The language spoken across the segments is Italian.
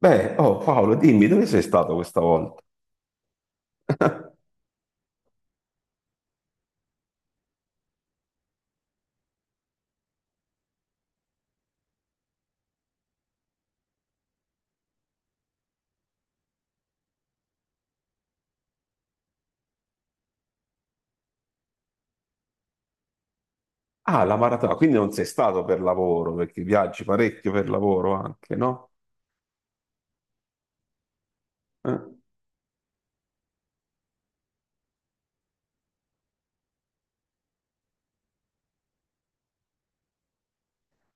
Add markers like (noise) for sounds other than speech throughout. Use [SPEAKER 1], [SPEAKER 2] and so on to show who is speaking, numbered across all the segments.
[SPEAKER 1] Beh, oh Paolo, dimmi dove sei stato questa volta? (laughs) Ah, la maratona, quindi non sei stato per lavoro, perché viaggi parecchio per lavoro anche, no? Eh?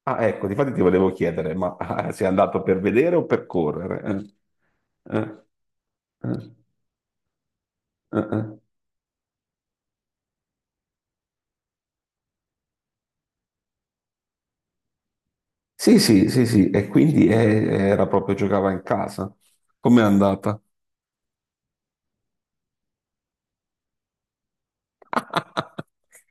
[SPEAKER 1] Ah, ecco, difatti ti volevo chiedere, ma sei andato per vedere o per correre? Eh? Eh? Eh? Eh? Eh? Sì, sì, sì, sì, e quindi era proprio giocava in casa. Com'è andata? (laughs)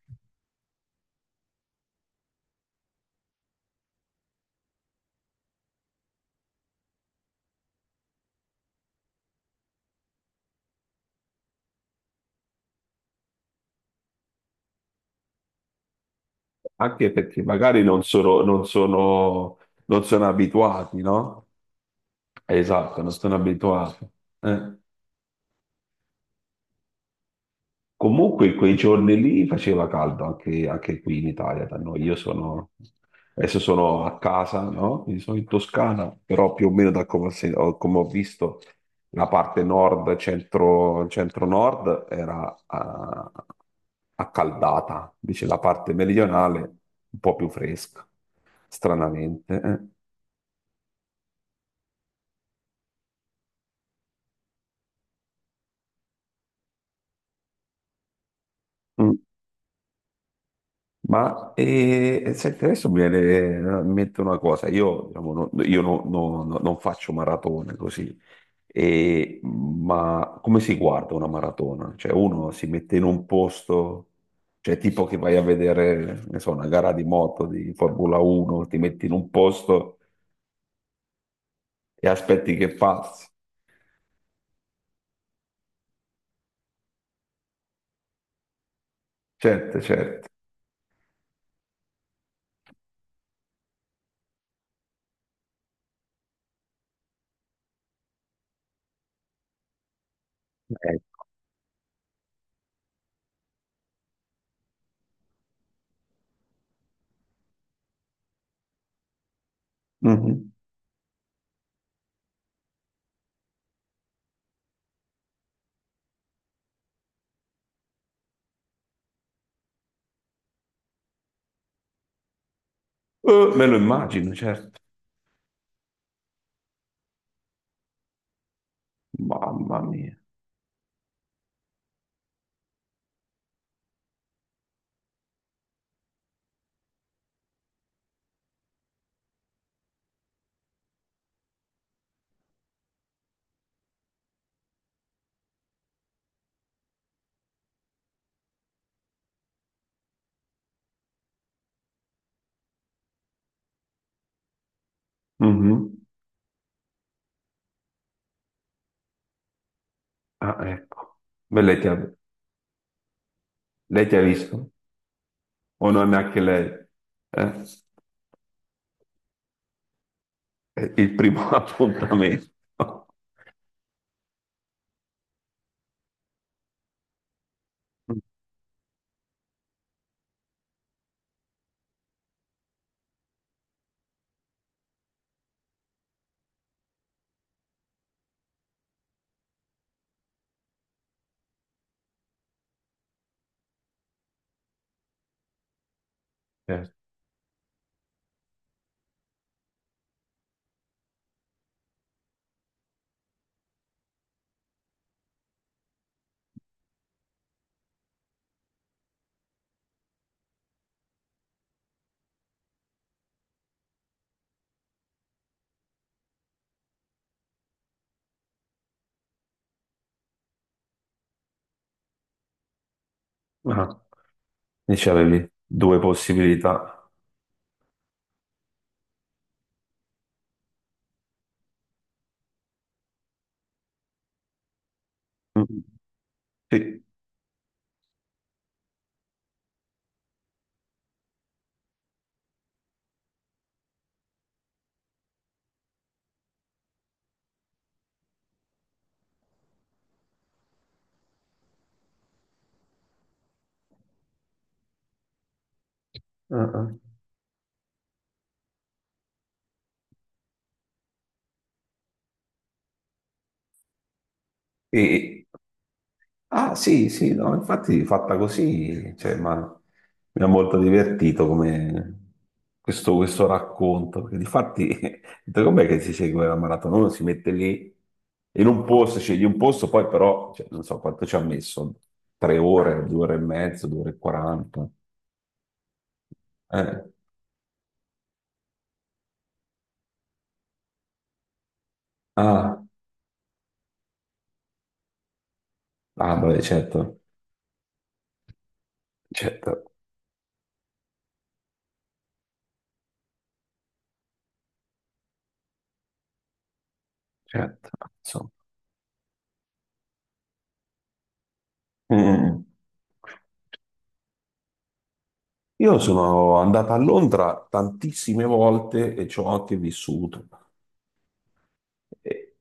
[SPEAKER 1] Anche perché magari non sono abituati, no? Esatto, non sono abituati. Eh. Comunque quei giorni lì faceva caldo anche qui in Italia, da noi. Adesso sono a casa, no? Quindi sono in Toscana, però più o meno da come come ho visto la parte nord, centro, nord era accaldata, invece la parte meridionale un po' più fresca, stranamente. Eh. Mm. Ma senti, adesso mi viene in mente una cosa, io, diciamo, no- io no- no- no- non faccio maratone così. Ma come si guarda una maratona? Cioè uno si mette in un posto, cioè tipo che vai a vedere, ne so, una gara di moto, di Formula 1, ti metti in un posto e aspetti che passi. Certo, certo. Ecco. Mhm. Me lo immagino, certo. Mamma mia. Mhm. Ah, ecco. Beh, lei ti ha visto? O non anche lei? Eh? È il primo (laughs) appuntamento. Eh, ah, Dice avevi due possibilità. Mm. Sì. Ah, ah. E Ah, sì, sì, no, infatti fatta così, cioè, ma mi ha molto divertito come questo racconto, perché difatti, (laughs) ho detto, com'è che si segue la maratona? Uno si mette lì in un posto, scegli un posto, poi però, cioè, non so quanto ci ha messo, 3 ore, 2 ore e mezzo, 2 ore e 40. Eh. Ah, ah, beh, certo, certo, certo, insomma. Mm. Mm, mm. Io sono andato a Londra tantissime volte e ci ho anche vissuto. Eh,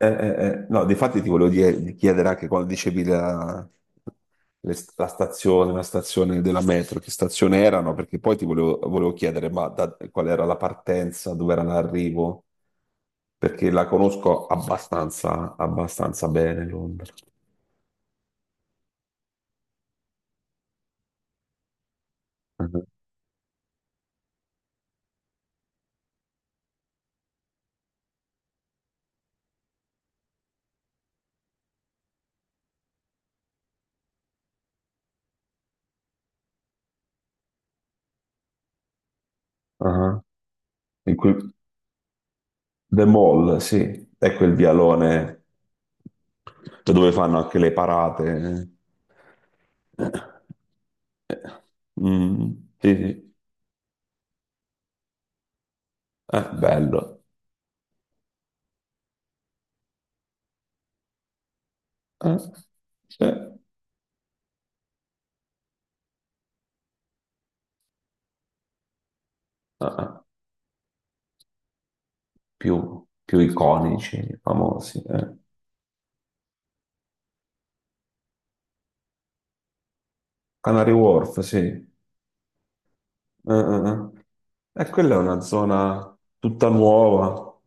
[SPEAKER 1] no, difatti ti volevo di chiedere anche quando dicevi la, le st- la stazione della metro, che stazione erano, perché poi ti volevo chiedere ma qual era la partenza, dove era l'arrivo, perché la conosco abbastanza bene Londra. Ah, ah. In cui- The Mall, sì, è quel vialone. Cioè, dove fanno anche le parate. Eh, eh, mm, sì, sì. Bello. Eh, sì. Eh. Più iconici, famosi. Eh. Canary Wharf, sì. Eh, eh. E quella è una zona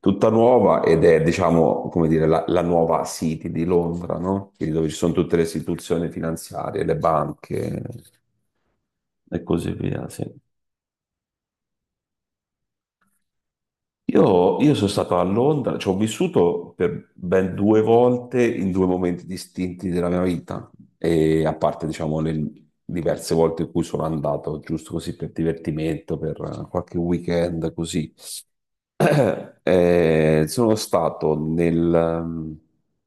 [SPEAKER 1] tutta nuova ed è, diciamo, come dire, la nuova City di Londra, no? Quindi dove ci sono tutte le istituzioni finanziarie, le banche e così via, sì. Io sono stato a Londra, ci ho vissuto per ben due volte in due momenti distinti della mia vita, e a parte, diciamo, le diverse volte in cui sono andato, giusto così per divertimento, per qualche weekend, così. (clears throat) Sono stato nel,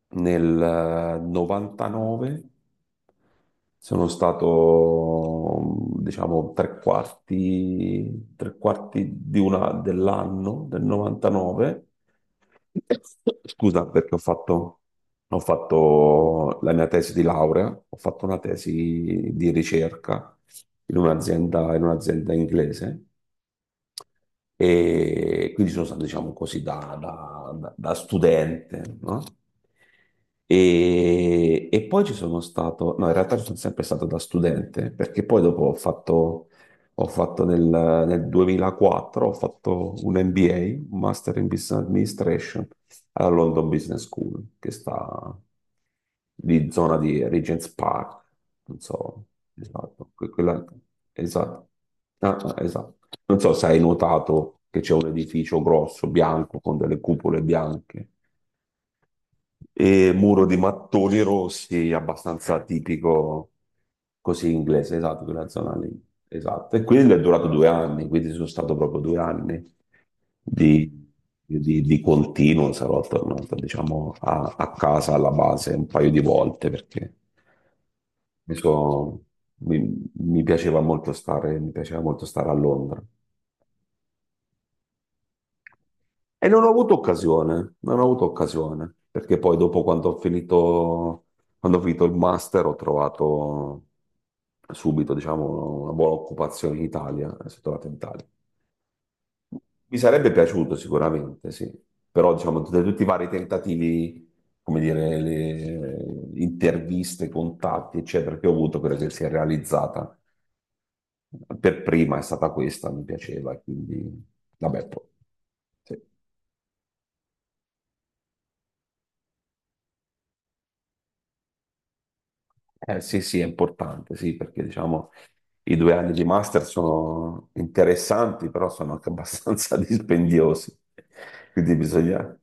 [SPEAKER 1] nel 99, sono stato diciamo tre quarti dell'anno del 99. Scusa perché ho fatto, la mia tesi di laurea, ho fatto una tesi di ricerca in un'azienda inglese. E quindi sono stato, diciamo così, da studente, no? E poi ci sono stato, no, in realtà ci sono sempre stato da studente, perché poi dopo ho fatto nel, nel 2004, ho fatto un MBA, un Master in Business Administration, alla London Business School, che sta di zona di Regent's Park, non so, esatto, quella, esatto, ah, ah, esatto. Non so se hai notato che c'è un edificio grosso, bianco, con delle cupole bianche. E muro di mattoni rossi, abbastanza tipico così inglese, esatto, quella zona lì. Esatto. E quello è durato 2 anni, quindi sono stato proprio 2 anni di, di continuo. Sarò tornato, diciamo, a, a, casa, alla base, un paio di volte perché mi, so- mi piaceva molto stare a Londra. E non ho avuto occasione, non ho avuto occasione, perché poi dopo quando ho finito il master ho trovato subito, diciamo, una buona occupazione in Italia, e sono tornato in Italia. Mi sarebbe piaciuto sicuramente, sì, però diciamo, tra tutti i vari tentativi, come dire, le interviste, contatti, eccetera, che ho avuto, quella che si è realizzata per prima è stata questa, mi piaceva, quindi, vabbè, poi, sì. Sì, sì, è importante, sì, perché diciamo i 2 anni di master sono interessanti, però sono anche abbastanza (laughs) dispendiosi. Quindi bisogna...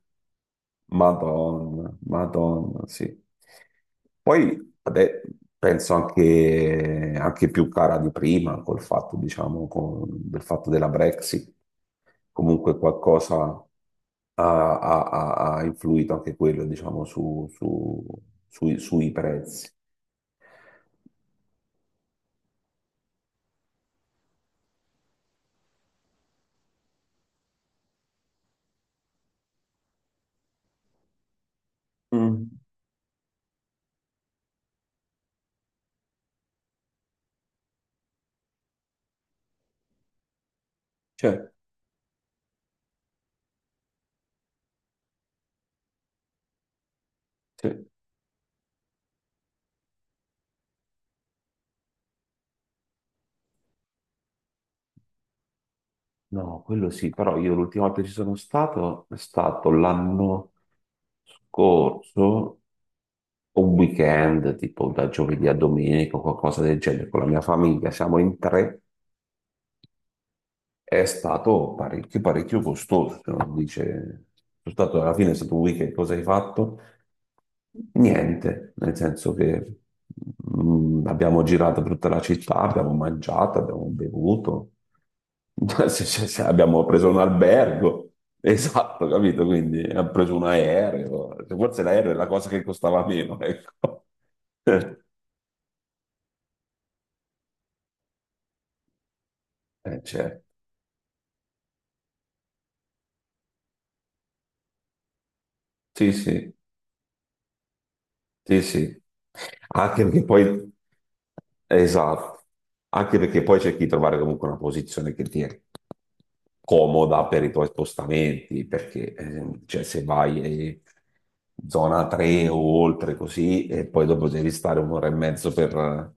[SPEAKER 1] Madonna, Madonna, sì. Poi vabbè, penso anche più cara di prima col fatto, diciamo, del fatto della Brexit. Comunque qualcosa ha- ha influito anche quello, diciamo, sui prezzi. Cioè, sì. No, quello sì, però io l'ultima volta che ci sono stato è stato l'anno scorso, un weekend, tipo da giovedì a domenica o qualcosa del genere, con la mia famiglia, siamo in tre, è stato parecchio, parecchio costoso. Se non dice, sono stato, alla fine è stato un weekend, cosa hai fatto? Niente, nel senso che abbiamo girato per tutta la città, abbiamo mangiato, abbiamo bevuto, (laughs) Se- se- se abbiamo preso un albergo, esatto, capito? Quindi abbiamo preso un aereo, forse l'aereo è la cosa che costava meno, ecco. (laughs) Certo. Sì, sì, sì, sì. Anche perché poi, esatto, anche perché poi cerchi di trovare comunque una posizione che ti, comoda per i tuoi spostamenti, perché cioè, se vai zona 3 o oltre così, e poi dopo devi stare un'ora e mezzo per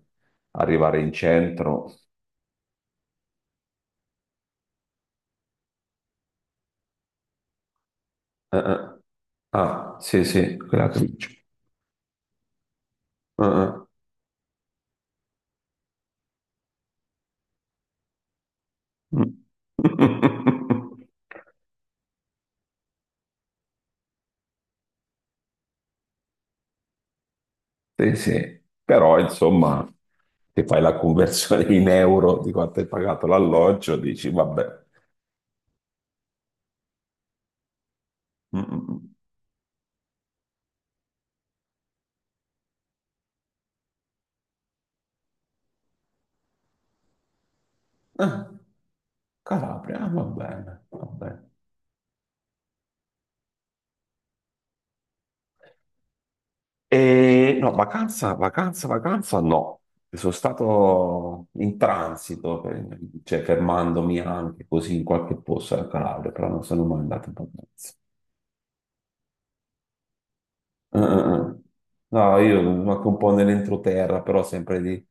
[SPEAKER 1] arrivare in centro. Eh. Ah, sì, sì, quella che dici. Eh. (laughs) Mm. Sì, sì. Però insomma, se fai la conversione in euro di quanto hai pagato l'alloggio, dici, vabbè. Mm, mm, mm. Ah, Calabria, ah, va bene, va bene. E no, vacanza, vacanza, vacanza no. Sono stato in transito, cioè fermandomi anche così in qualche posto al Calabria, però non sono mai andato in vacanza. Eh. No, io anche un po' nell'entroterra, però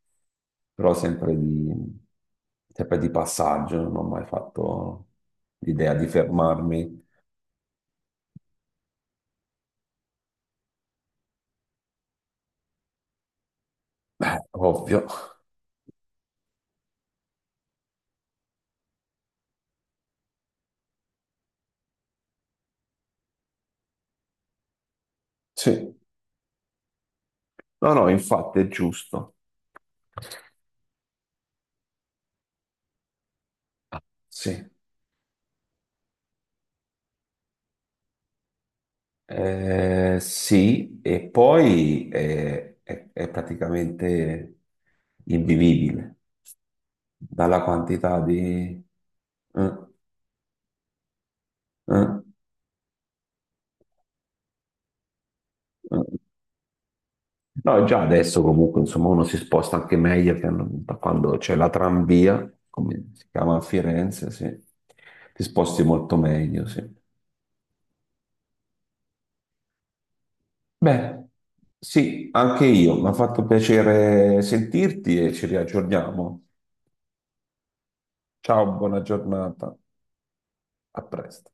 [SPEAKER 1] però sempre di, sempre di passaggio, non ho mai fatto l'idea di fermarmi. Beh, ovvio, sì. No, no, infatti è giusto, sì. Sì, e poi è praticamente invivibile dalla quantità di... eh, eh, eh. No, già adesso comunque insomma uno si sposta anche meglio che da quando c'è la tranvia, come si chiama a Firenze, sì. Ti sposti molto meglio, sì. Beh, sì, anche io, mi ha fatto piacere sentirti e ci riaggiorniamo. Ciao, buona giornata, a presto.